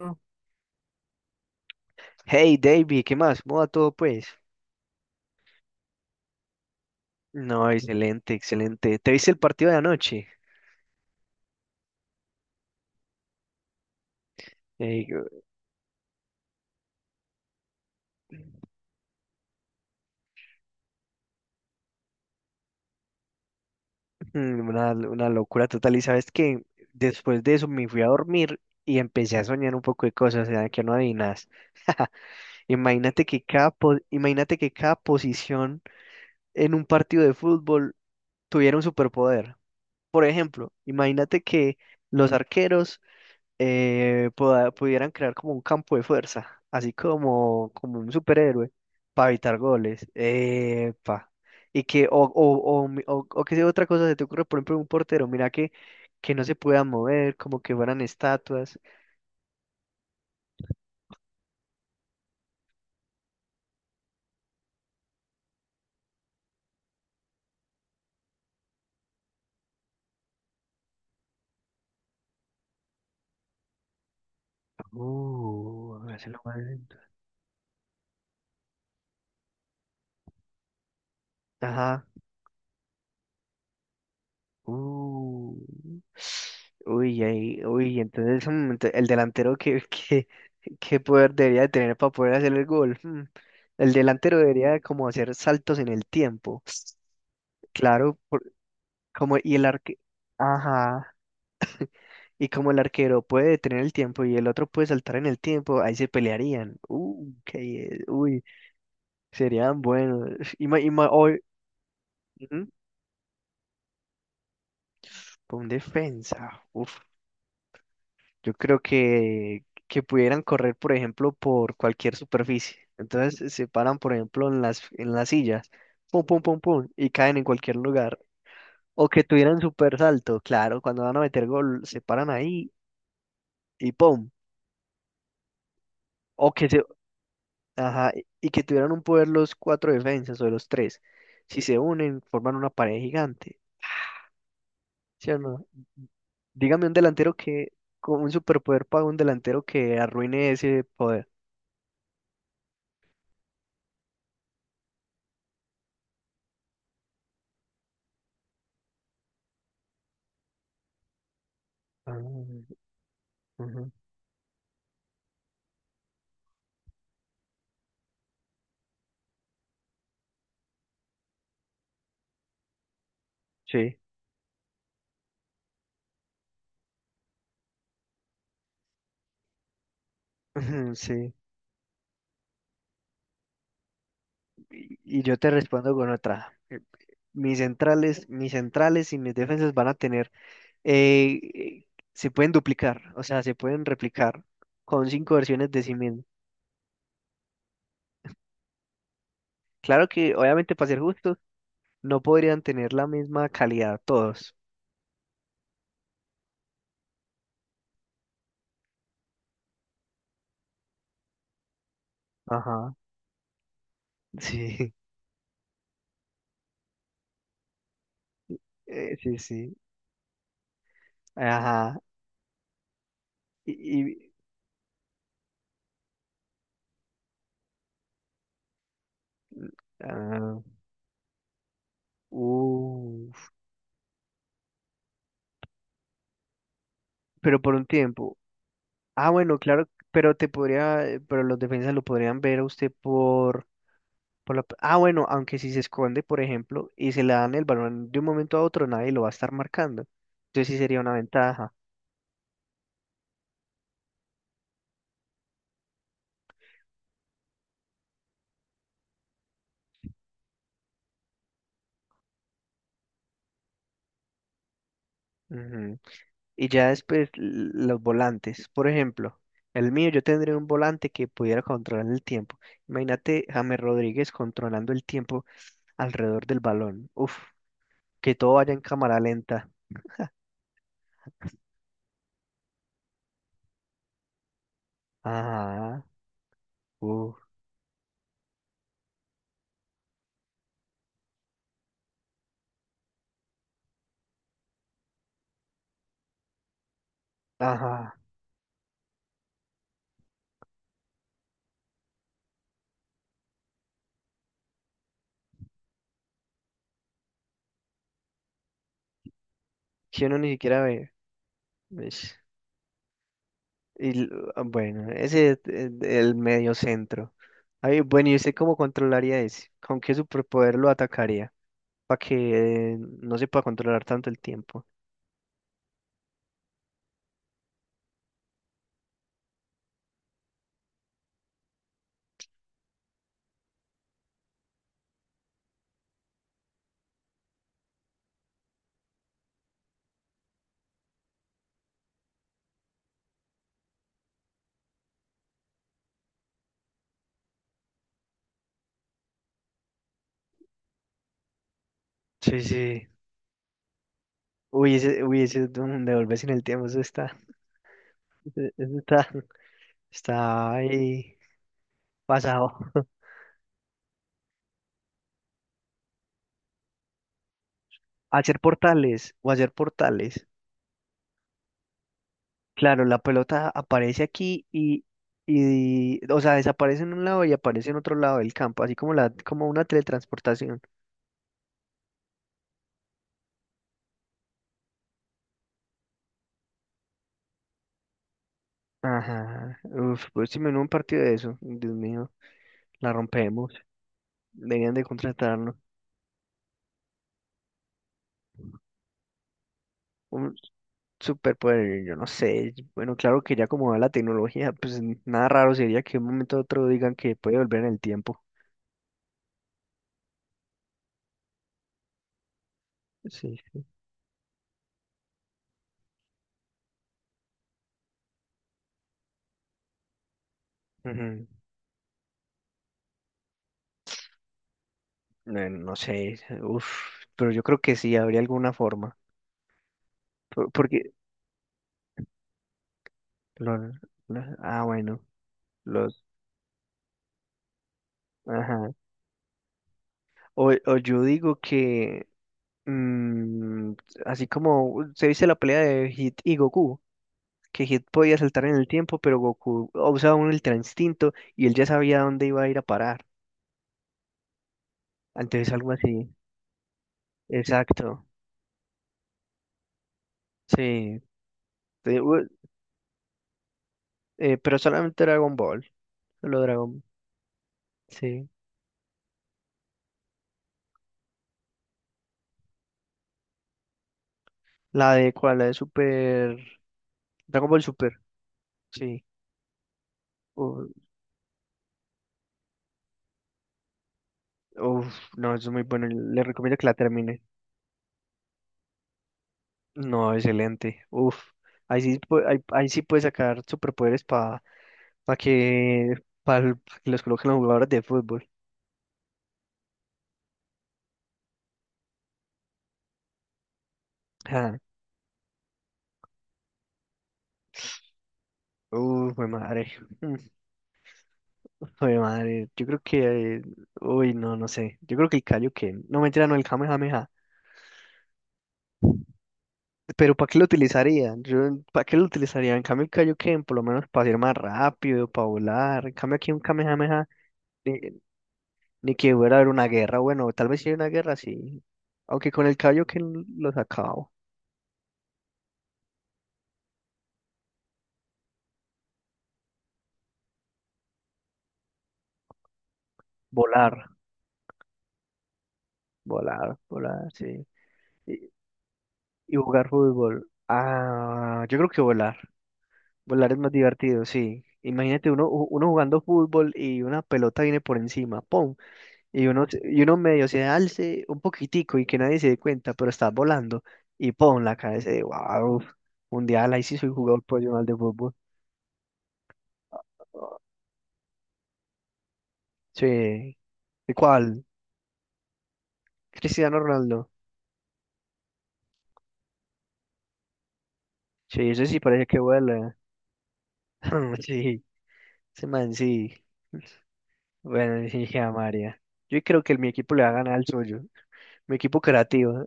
Mm. Hey, David, ¿qué más? ¿Cómo va todo, pues? No, excelente, excelente. ¿Te viste el partido de anoche? Eh, una locura total. Y sabes que después de eso me fui a dormir y empecé a soñar un poco de cosas, o sea, que no adivinas. Imagínate que imagínate que cada posición en un partido de fútbol tuviera un superpoder. Por ejemplo, imagínate que los arqueros pudieran crear como un campo de fuerza, así como, como un superhéroe, para evitar goles. Epa. Y que, o que sea otra cosa se te ocurre, por ejemplo, un portero, mira que no se pueda mover, como que fueran estatuas. Hágaselo más lento. Ajá. Uh. Uy, ahí, uy, entonces el delantero que, que, ¿qué poder debería de tener para poder hacer el gol? Hmm, el delantero debería de como hacer saltos en el tiempo. Claro, como y el arque... Ajá. Y como el arquero puede detener el tiempo y el otro puede saltar en el tiempo, ahí se pelearían. Qué- Uy, serían buenos. Hoy, ujú, con defensa. Uf, yo creo que pudieran correr, por ejemplo, por cualquier superficie. Entonces se paran, por ejemplo, en en las sillas. Pum, pum, pum, pum. Y caen en cualquier lugar. O que tuvieran super salto, claro, cuando van a meter gol, se paran ahí y ¡pum! O que se, ajá, y que tuvieran un poder los cuatro defensas o los tres. Si se unen, forman una pared gigante, ¿sí o no? Dígame un delantero que, con un superpoder para un delantero que arruine ese poder. Ah, ujú. Sí, ujú, sí. Y yo te respondo con otra. Mis centrales, mis defensas van a tener eh, eh, se pueden duplicar, o sea, se pueden replicar con cinco versiones de sí mismo. Claro que, obviamente, para ser justos, no podrían tener la misma calidad todos. Ajá, sí, sí, sí, ajá. Y, y- ah, uf, pero por un tiempo. Ah, bueno, claro, pero te podría, pero los defensas lo podrían ver a usted por... Por la... Ah, bueno, aunque si se esconde, por ejemplo, y se le dan el balón de un momento a otro, nadie lo va a estar marcando. Entonces sí sería una ventaja. Ujú. Y ya después los volantes. Por ejemplo, el mío yo tendría un volante que pudiera controlar el tiempo. Imagínate James Rodríguez controlando el tiempo alrededor del balón. Uf, que todo vaya en cámara lenta. Ajá, uf, ajá. Que uno ni siquiera ve. Ish. Y, l- ah, bueno, ese es el medio centro. Ay, bueno, ¿y usted cómo controlaría ese? ¿Con qué superpoder lo atacaría? Para que no se pueda controlar tanto el tiempo. Sí, sí. Uy, ese es un devolverse en el tiempo, eso está, eso está, está ahí pasado. Hacer portales, o hacer portales. Claro, la pelota aparece aquí y, o sea, desaparece en un lado y aparece en otro lado del campo, así como la, como una teletransportación. Ajá. Uf, pues si en un partido de eso, Dios mío, la rompemos. Deberían de contratarnos. Un superpoder, yo no sé. Bueno, claro que ya como va la tecnología, pues nada raro sería que de un momento a otro digan que puede volver en el tiempo. Sí. Ujú. No, no sé, uf, pero yo creo que sí, habría alguna forma. Porque, los, ah, bueno, los, ajá. O yo digo que, mm, así como se dice la pelea de Hit y Goku. Que Hit podía saltar en el tiempo, pero Goku usaba un ultra instinto y él ya sabía dónde iba a ir a parar. Entonces algo así. Exacto. Sí. Te- u- pero solamente Dragon Ball. Solo Dragon. Sí. La de cuál, la de Super. Dragon Ball Super. Sí. U- Uf, no, eso es muy bueno. Le recomiendo que la termine. No, excelente. Uf. Ahí sí, ahí sí puede sacar superpoderes para que, pa que los coloquen los jugadores de fútbol. Fue madre. Mm, fue madre. Yo creo que. Uy, no, no sé. Yo creo que el Kaioken. No, mentira, no, el Kamehameha. Pero ¿para qué lo utilizarían? Yo, ¿para qué lo utilizarían? En cambio, el Kaioken, por lo menos para ir más rápido, para volar. En cambio, aquí un Kamehameha, ni, ni que hubiera haber una guerra. Bueno, tal vez si hay una guerra, sí. Aunque con el Kaioken lo sacaba. Volar, volar, sí. Y, y jugar fútbol. Ah, yo creo que volar. Volar es más divertido, sí. Imagínate uno, uno jugando fútbol y una pelota viene por encima, ¡pum! Y uno, y uno medio se alce un poquitico y que nadie se dé cuenta, pero estás volando y ¡pum! La cabeza de wow, mundial, ahí sí soy jugador profesional de fútbol. Sí. ¿Y cuál? Cristiano Ronaldo. Sí, ese sí parece que vuela. Sí, ese man sí. Bueno, sí, a María. Yo creo que mi equipo le va a ganar al suyo. Mi equipo creativo.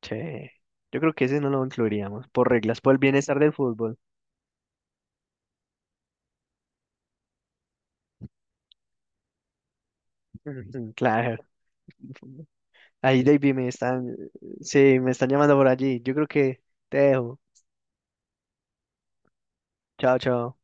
Che, yo creo que ese no lo incluiríamos, por reglas, por el bienestar del fútbol. Ujú, claro. Ahí, David, me están, sí, me están llamando por allí. Yo creo que te dejo. Chao, chao.